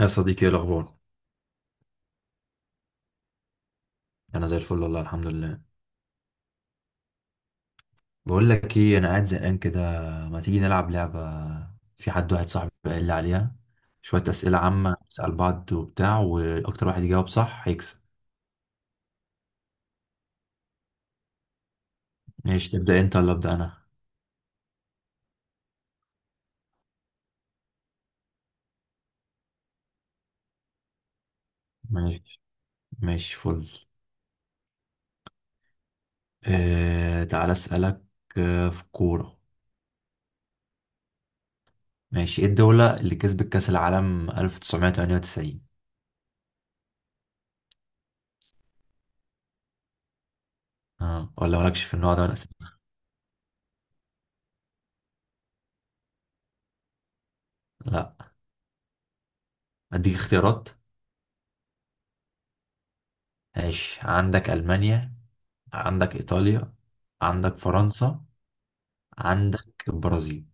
يا صديقي، ايه الاخبار؟ انا زي الفل والله، الحمد لله. بقول لك ايه، انا قاعد زهقان كده. ما تيجي نلعب لعبه؟ في حد، واحد صاحبي، قال لي عليها. شويه اسئله عامه نسال بعض وبتاع، واكتر واحد يجاوب صح هيكسب. ماشي، تبدا انت ولا ابدا انا؟ ماشي. ماشي فل. آه تعالى اسالك. آه في الكوره. ماشي، ايه الدوله اللي كسبت كاس العالم 1998؟ اه ولا مالكش في النوع ده من الاسئله؟ لا اديك اختيارات. ماشي، عندك المانيا، عندك إيطاليا، عندك فرنسا، عندك البرازيل.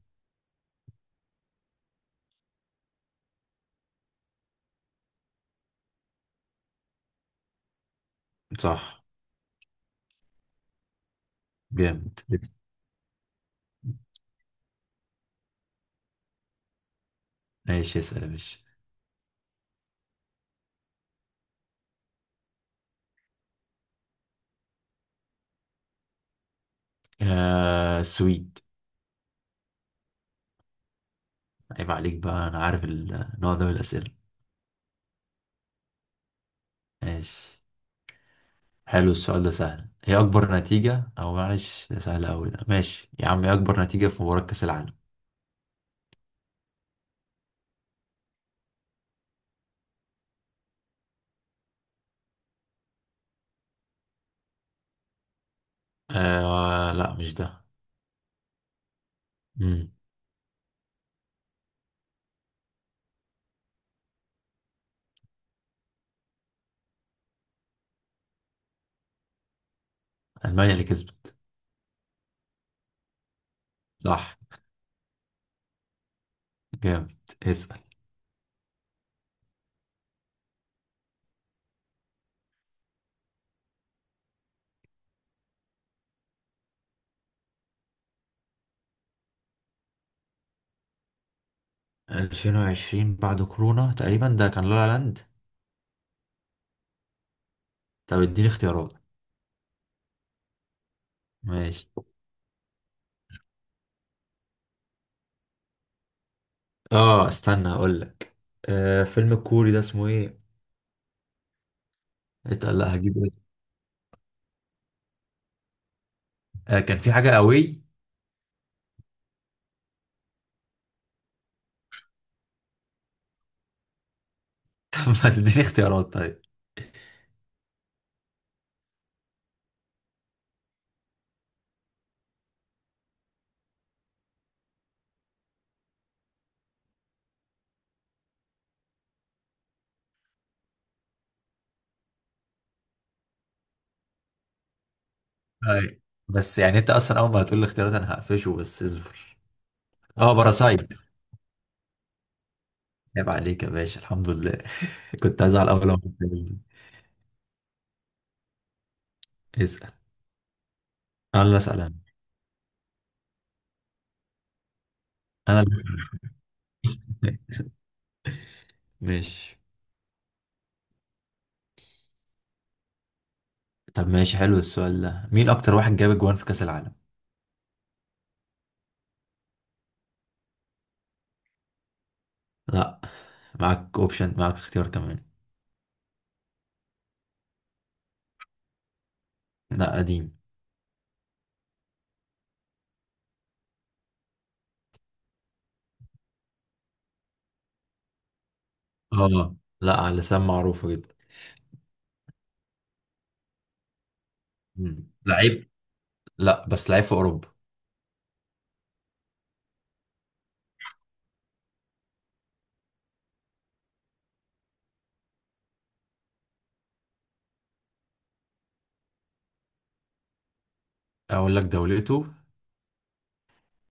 صح. جامد. ماشي اسأل يا باشا. آه السويد. عيب عليك بقى، أنا عارف النوع ده من الأسئلة. ماشي. حلو السؤال ده، سهل. هي أكبر نتيجة، أو معلش ده سهل أوي، ده ماشي يا عم، هي أكبر نتيجة في مباراة كأس العالم. آه لا مش ده. مم. ألمانيا اللي كسبت. صح. جامد اسأل. 2020 بعد كورونا تقريبا ده كان لا لا لاند. طب اديني اختيارات. ماشي. اه استنى هقول لك. آه فيلم الكوري ده اسمه ايه؟ اتقل، لا هجيب اسمه. آه كان في حاجة قوي. طب ما تديني اختيارات طيب؟ طيب، بس يعني انت اصلا اول ما هتقول لي اختيارات انا هقفشه، بس اصبر. اه باراسايت. عيب عليك يا باشا، الحمد لله. كنت هزعل اول ما قلت لي. اسأل. انا اللي اسأل انا اللي اسأل. ماشي. طب ماشي، حلو السؤال ده. مين اكتر واحد جاب اجوان في كأس العالم؟ لا. معاك اوبشن، معاك اختيار كمان. لا قديم. اه، لا على لسان معروفة جدا. لعيب. لا بس لعيب في اوروبا. اقول لك دولته.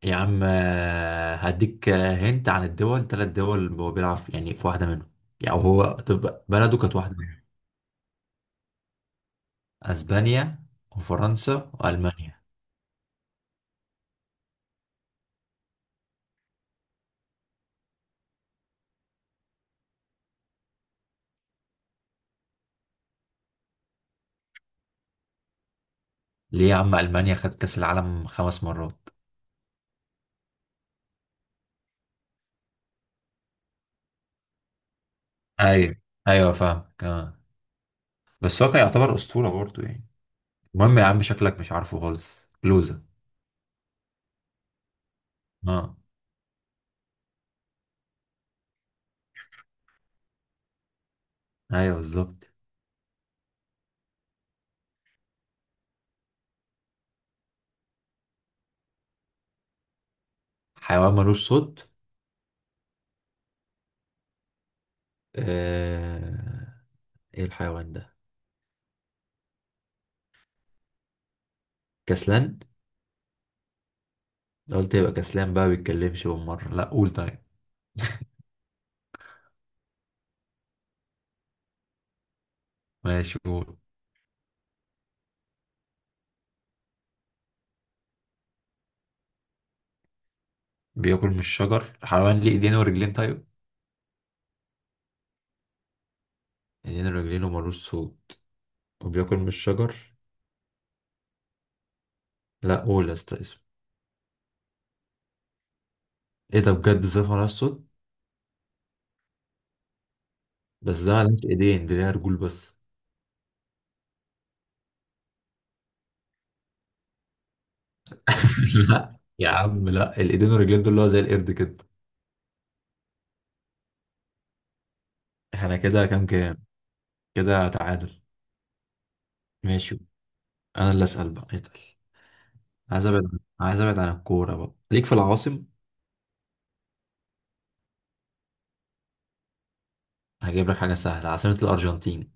يا عم هديك هنت عن الدول، ثلاث دول هو بيلعب في- يعني في واحده منهم. يعني هو، طب بلده كانت واحده منهم. اسبانيا وفرنسا والمانيا. ليه يا عم، المانيا خدت كاس العالم خمس مرات. ايوه. ايوه فاهم آه. بس هو كان يعتبر اسطوره برضه يعني. المهم يا عم، شكلك مش عارفه خالص، كلوزة. اه. ايوه بالظبط. حيوان ملوش صوت. آه... ايه الحيوان ده؟ كسلان. ده قلت يبقى كسلان بقى، بيتكلمش بالمرة. لا قول طيب. ماشي قول. بياكل من الشجر؟ حيوان ليه ايدين ورجلين طيب؟ ايدين ورجلين ومالوش صوت وبياكل من الشجر. لا قول يا اسطى اسمه. ايه ده بجد، زي مالهاش صوت. بس ده مالهاش ايدين، دي ليها رجول بس. لا يا عم لا، الايدين والرجلين دول اللي هو زي القرد كده. احنا كده كام كام؟ كده تعادل. ماشي. انا اللي اسال بقى اتقل. عايز ابعد، عايز ابعد عن الكوره بقى. ليك في العواصم؟ هجيب لك حاجه سهله، عاصمه الارجنتين.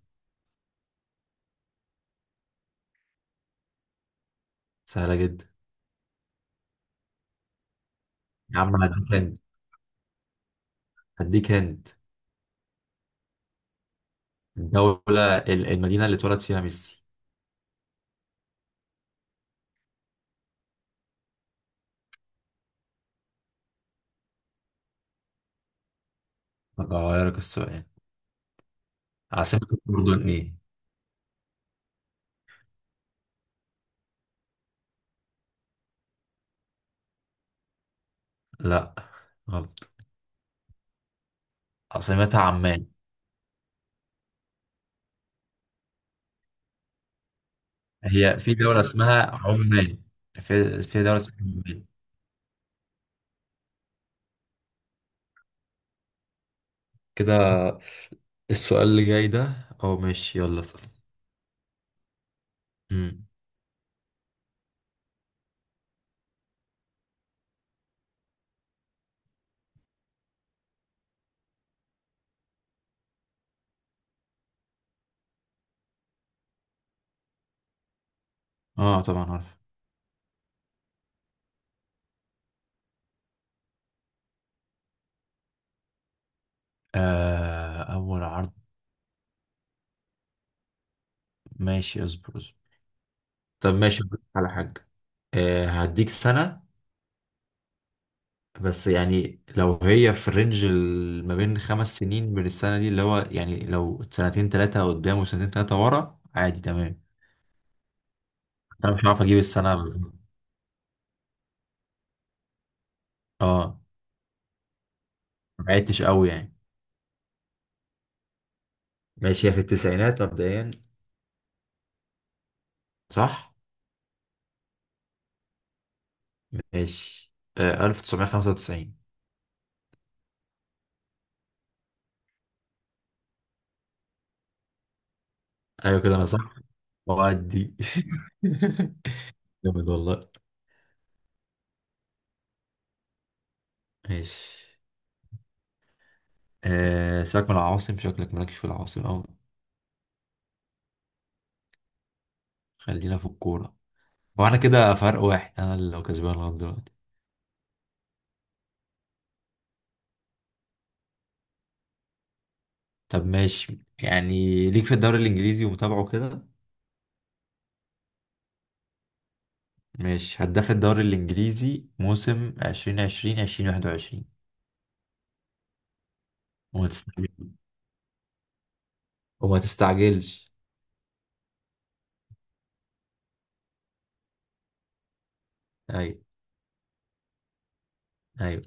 سهله جدا. يا عم هديك، هديك هند. الدولة ال- المدينة اللي اتولد فيها ميسي. أغيرك السؤال. عاصمة الأردن إيه؟ لا غلط. عاصمتها عمان. هي في دولة اسمها عمان؟ في، في دولة اسمها عمان. كده. السؤال اللي جاي ده، أو ماشي يلا اسأل. مم. اه طبعا عارف. آه أول عرض. ماشي اصبر، اصبر. طب ماشي، أقول لك على حاجة. آه هديك سنة، بس يعني لو هي في رينج ال- ما بين خمس سنين من السنة دي، اللي هو يعني لو سنتين تلاتة قدام وسنتين تلاتة ورا عادي، تمام. أنا مش عارف أجيب السنة بالظبط. اه. ما بعدتش قوي يعني. ماشي، هي في التسعينات مبدئيا. صح. ماشي. آه 1995. أيوة كده أنا صح، وأدي. جامد والله. ماشي. آه سيبك من العواصم، شكلك مالكش في العواصم أوي. خلينا في الكورة. وأنا كده فرق واحد، أنا اللي لو كسبان لغاية دلوقتي. طب ماشي يعني، ليك في الدوري الانجليزي ومتابعه كده. ماشي، هداف الدوري الانجليزي موسم 2020 2021. وما تستعجلش، وما تستعجلش. ايوه ايوه.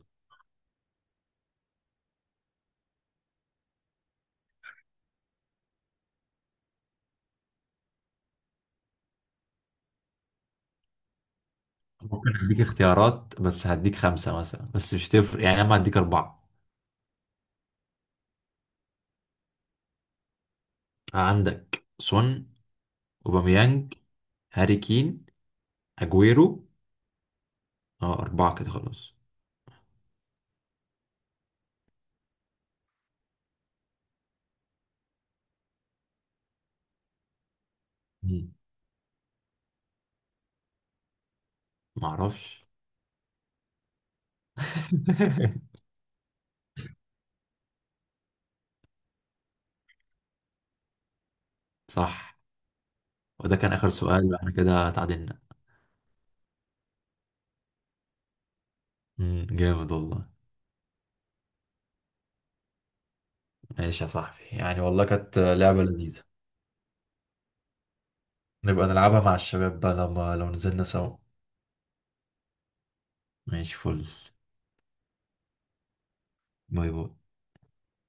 ممكن اديك اختيارات، بس هديك خمسة مثلا، بس مش تفرق يعني، انا هديك اربعة. عندك سون، اوباميانج، هاري كين، اجويرو. اه اربعة كده خلاص. مم. معرفش. صح. وده كان اخر سؤال، احنا كده تعادلنا. مم، جامد والله. ماشي يا صاحبي، يعني والله كانت لعبة لذيذة. نبقى نلعبها مع الشباب بقى، لما لو نزلنا سوا. ماشي فل. باي باي.